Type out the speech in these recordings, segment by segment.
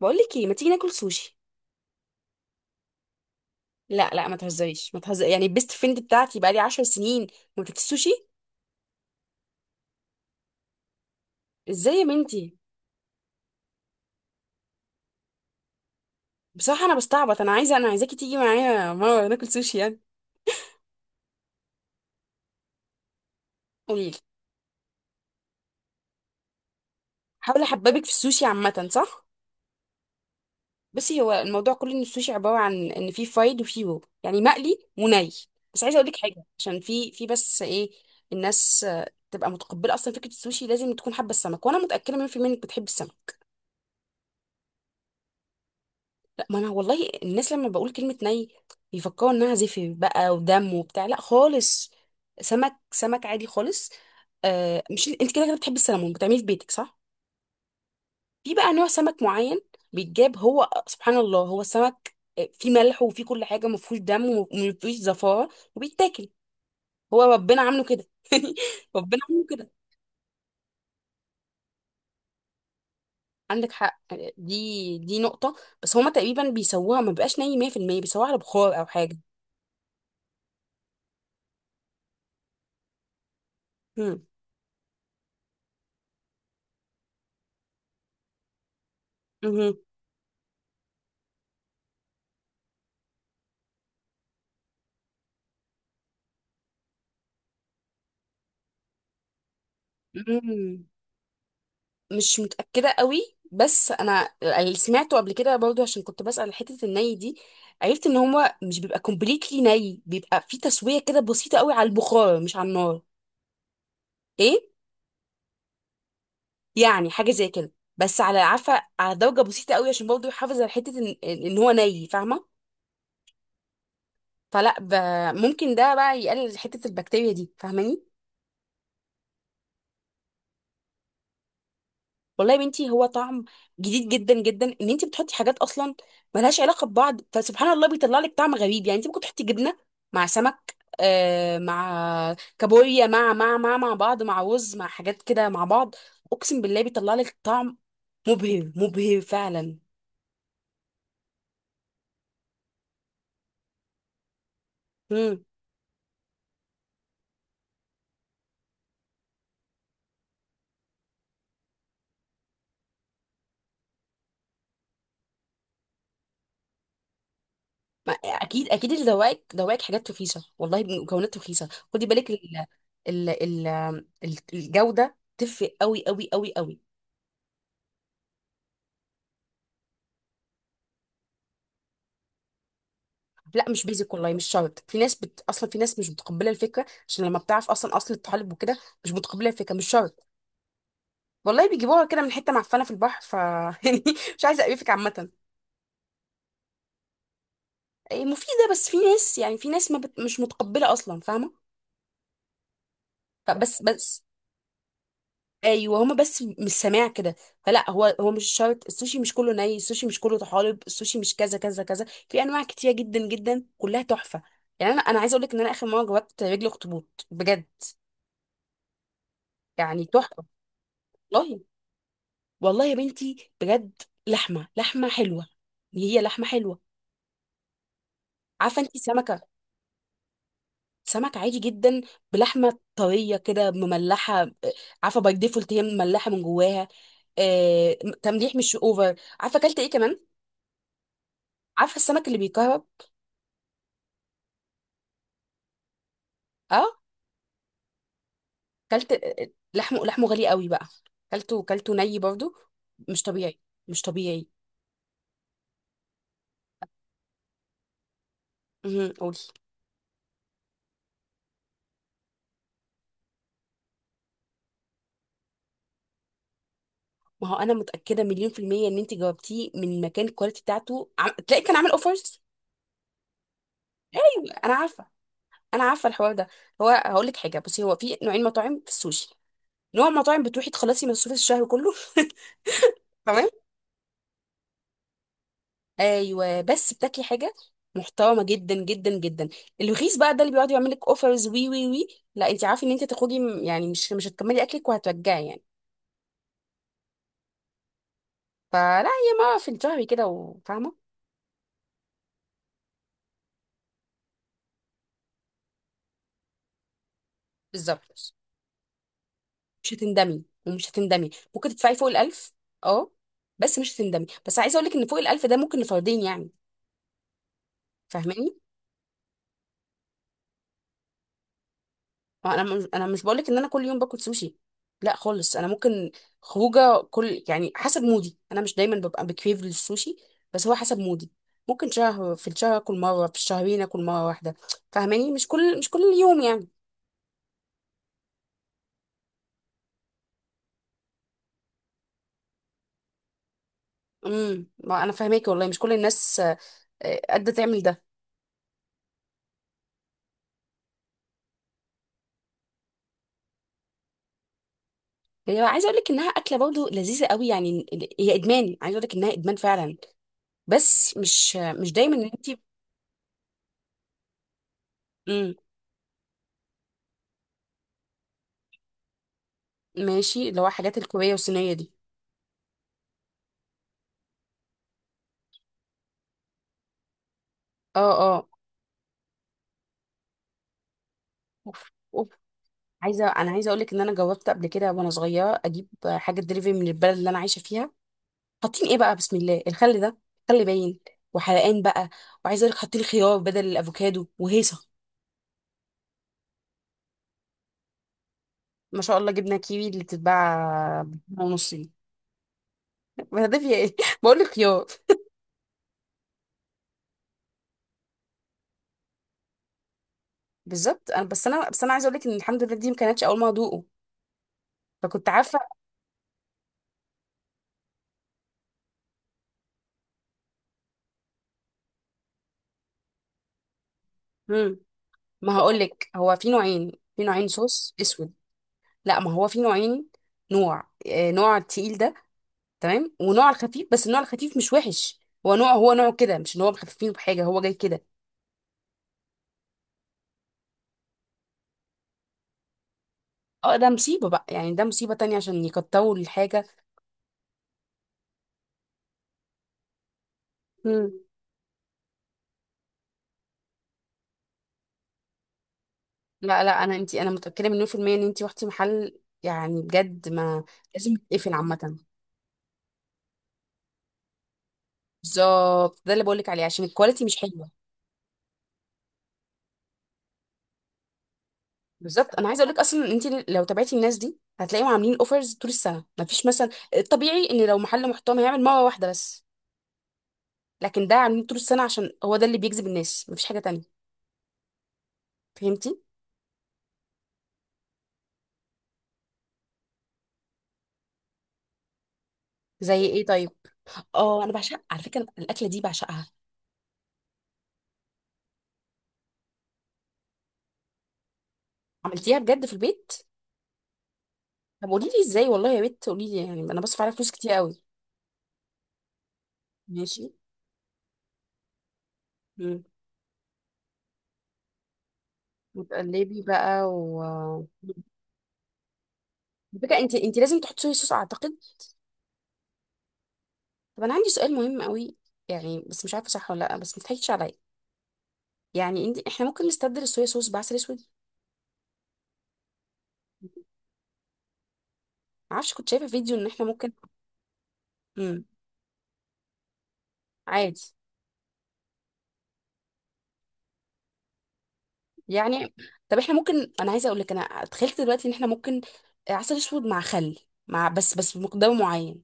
بقول لك ايه، ما تيجي ناكل سوشي؟ لا لا، ما تهزريش ما تهزر، يعني البيست فريند بتاعتي بقالي 10 سنين ما بتاكلش سوشي. ازاي يا بنتي؟ بصراحه انا بستعبط، انا عايزاكي تيجي معايا مره ناكل سوشي يعني. قولي لي. حاول احببك في السوشي عامه، صح؟ بصي، هو الموضوع كله ان السوشي عباره عن ان في فرايد وفي رو، يعني مقلي وني. بس عايزه اقول لك حاجه عشان في بس ايه الناس تبقى متقبله اصلا فكره السوشي، لازم تكون حابه السمك، وانا متاكده 100% انك بتحب السمك. ما انا والله، الناس لما بقول كلمة ني بيفكروا انها زفر بقى ودم وبتاع، لا خالص. سمك سمك عادي خالص. آه، مش انت كده كده بتحبي السلمون بتعمليه في بيتك، صح؟ في بقى نوع سمك معين بيتجاب، هو سبحان الله هو السمك فيه ملح وفيه كل حاجة، مفهوش دم ومفيهوش زفارة وبيتاكل. هو ربنا عامله كده ربنا عامله كده. عندك حق. دي نقطة. بس هما تقريبا بيسووها ما بقاش ني 100%، بيسووها على بخار أو حاجة. مم. مهم. مم. مش متأكدة قوي، بس انا اللي سمعته قبل كده برضو عشان كنت بسأل حتة الني دي، عرفت ان هو مش بيبقى كومبليتلي ني، بيبقى في تسوية كده بسيطة قوي على البخار مش على النار. ايه. يعني حاجة زي كده، بس على عفا على درجة بسيطة قوي عشان برضو يحافظ على حتة إن هو ني، فاهمة؟ فلا ممكن ده بقى يقلل حتة البكتيريا دي، فاهماني؟ والله يا بنتي هو طعم جديد جدا جدا، ان انت بتحطي حاجات اصلا ملهاش علاقه ببعض، فسبحان الله بيطلع لك طعم غريب. يعني انت ممكن تحطي جبنه مع سمك، آه، مع كابوريا، مع بعض، مع رز، مع حاجات كده مع بعض. اقسم بالله بيطلع لك طعم مبهر، مبهر فعلا. امم اكيد اكيد، اللي دواك دواك حاجات رخيصه، والله مكونات رخيصه. خدي بالك ال ال ال الجوده تفرق قوي قوي قوي قوي. لا، مش بيزك والله، مش شرط. في ناس اصلا في ناس مش متقبله الفكره عشان لما بتعرف اصلا اصل الطالب وكده، مش متقبله الفكره، مش شرط. والله بيجيبوها كده من حته معفنه في البحر ف يعني، مش عايزه اقرفك عامه. إيه، مفيده، بس في ناس، يعني في ناس ما بت... مش متقبله اصلا، فاهمه؟ فبس ايوه هما، بس مش سامع كده. فلا هو مش شرط. السوشي مش كله ني، السوشي مش كله طحالب، السوشي مش كذا كذا كذا. في انواع كتيره جدا جدا كلها تحفه. يعني انا عايزه اقول لك ان انا اخر مره جربت رجل اخطبوط بجد، يعني تحفه. والله، والله يا بنتي بجد، لحمه لحمه حلوه، هي لحمه حلوه. عارفه انت سمكه؟ سمك عادي جدا بلحمه طريه كده، مملحه. عارفه باي ديفولت هي مملحه من جواها. آه، تمليح مش اوفر. عارفه اكلت ايه كمان؟ عارفه السمك اللي بيكهرب؟ اه، اكلت. لحمه لحمه غالي قوي بقى. اكلته ني برضو. مش طبيعي، مش طبيعي. امم، قولي. ما هو انا متاكده مليون في الميه ان انت جاوبتيه من مكان الكواليتي بتاعته تلاقي كان عامل اوفرز. انا عارفه، انا عارفه الحوار ده. هقول لك حاجه، بصي هو في نوعين مطاعم في السوشي. نوع مطاعم بتروحي تخلصي مصروف الشهر كله تمام. ايوه، بس بتاكلي حاجه محترمه جدا جدا جدا. الرخيص بقى ده اللي بيقعد يعمل لك اوفرز وي وي وي. لا انت عارفه ان انت تخرجي يعني مش هتكملي اكلك وهترجعي يعني. فلا هي ما في الشهر كده، وفاهمه. بالظبط، مش هتندمي ومش هتندمي. ممكن تدفعي فوق الألف. اه، بس مش هتندمي. بس عايزه اقول لك ان فوق الألف ده ممكن لفردين يعني، فاهماني؟ ما انا مش بقولك ان انا كل يوم باكل سوشي. لا خالص. انا ممكن خروجه كل يعني حسب مودي، انا مش دايما ببقى بكريف للسوشي، بس هو حسب مودي. ممكن شهر في الشهر اكل مره، في الشهرين اكل مره واحده. فاهماني؟ مش كل يوم يعني. ما انا فاهماكي والله. مش كل الناس قادره تعمل ده. هي عايزه اقول لك انها اكله برضه لذيذه قوي يعني، هي ادمان. عايزه اقول لك انها ادمان فعلا. بس مش مش دايما ان انت. امم، ماشي، اللي هو حاجات الكوريه والصينيه دي. اه، اه، انا عايزه اقول لك ان انا جاوبت قبل كده وانا صغيره اجيب حاجه دليفري من البلد اللي انا عايشه فيها. حاطين ايه بقى بسم الله الخل ده، خل باين وحرقان بقى. وعايزه اقول لك حاطين خيار بدل الافوكادو وهيصه. ما شاء الله، جبنا كيوي اللي بتتباع ونص دي ما ده فيها ايه؟ بقول لك خيار. بالظبط. انا عايزه اقول لك ان الحمد لله دي ما كانتش اول ما ادوقه فكنت عارفه. امم ما هقول لك هو في نوعين، في نوعين صوص اسود. لا ما هو في نوعين، نوع نوع التقيل ده. تمام. ونوع الخفيف، بس النوع الخفيف مش وحش، هو نوع، هو نوعه كده، مش ان هو مخففين بحاجه، هو جاي كده. اه، ده مصيبه بقى يعني، ده مصيبه تانية عشان يكتروا الحاجه. مم. لا لا، انا انا متاكده مليون في الميه ان انتي رحتي محل، يعني بجد ما لازم تقفل عامه. بالظبط، ده اللي بقولك عليه عشان الكواليتي مش حلوه. بالظبط، انا عايزه اقولك اصلا ان انتي لو تابعتي الناس دي هتلاقيهم عاملين اوفرز طول السنه. ما فيش مثلا، الطبيعي ان لو محل محترم هيعمل مره واحده بس، لكن ده عاملين طول السنه عشان هو ده اللي بيجذب الناس، ما فيش حاجه تانية. فهمتي؟ زي ايه طيب؟ اه، انا بعشق على فكره الاكله دي، بعشقها. عملتيها بجد في البيت؟ طب قولي لي ازاي، والله يا بنت قولي لي، يعني انا بصرف عليها فلوس كتير قوي. ماشي. مم. وتقلبي بقى و... الفكره انت، انت لازم تحطي صويا صوص اعتقد. طب انا عندي سؤال مهم قوي، يعني بس مش عارفه صح ولا لا، بس ما تضحكيش عليا. يعني انت، احنا ممكن نستبدل الصويا صوص بعسل اسود؟ ما اعرفش، كنت شايفه فيديو ان احنا ممكن. امم عادي يعني. طب احنا ممكن، انا عايزه اقول لك انا تخيلت دلوقتي ان احنا ممكن عسل اسود مع خل، مع بس بمقدار معين.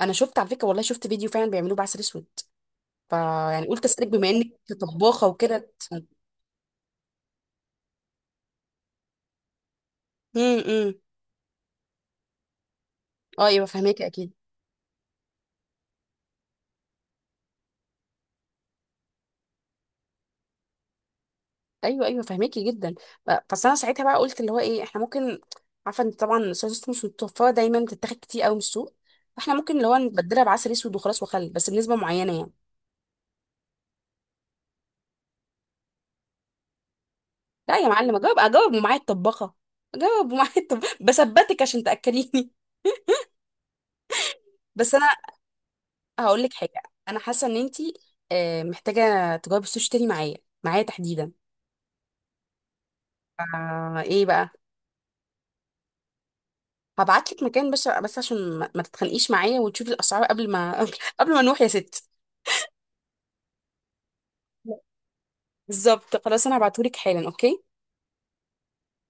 انا شفت على فكره، والله شفت فيديو فعلا بيعملوه بعسل اسود. فيعني قلت اسالك بما انك طباخه وكده. امم. اه ايوه، فهماكي اكيد. ايوه ايوه فهماكي جدا. بس انا ساعتها بقى قلت اللي هو ايه، احنا ممكن، عارفه ان طبعا السوسيس مش متوفره دايما، بتتاخد كتير قوي من السوق، فاحنا ممكن اللي هو نبدلها بعسل اسود وخلاص وخل، بس بنسبه معينه يعني. لا يا معلم، اجاوب اجاوب ومعايا الطباخه. اجاوب ومعايا الطباخه بثبتك عشان تاكليني بس انا هقول لك حاجه. انا حاسه ان انتي محتاجه تجاوبي السوشي تاني معايا، معايا تحديدا. آه، ايه بقى؟ هبعت لك مكان، بس عشان ما تتخانقيش معايا، وتشوفي الاسعار قبل ما قبل ما نروح يا ست. بالظبط، خلاص، انا هبعتهولك حالا، اوكي.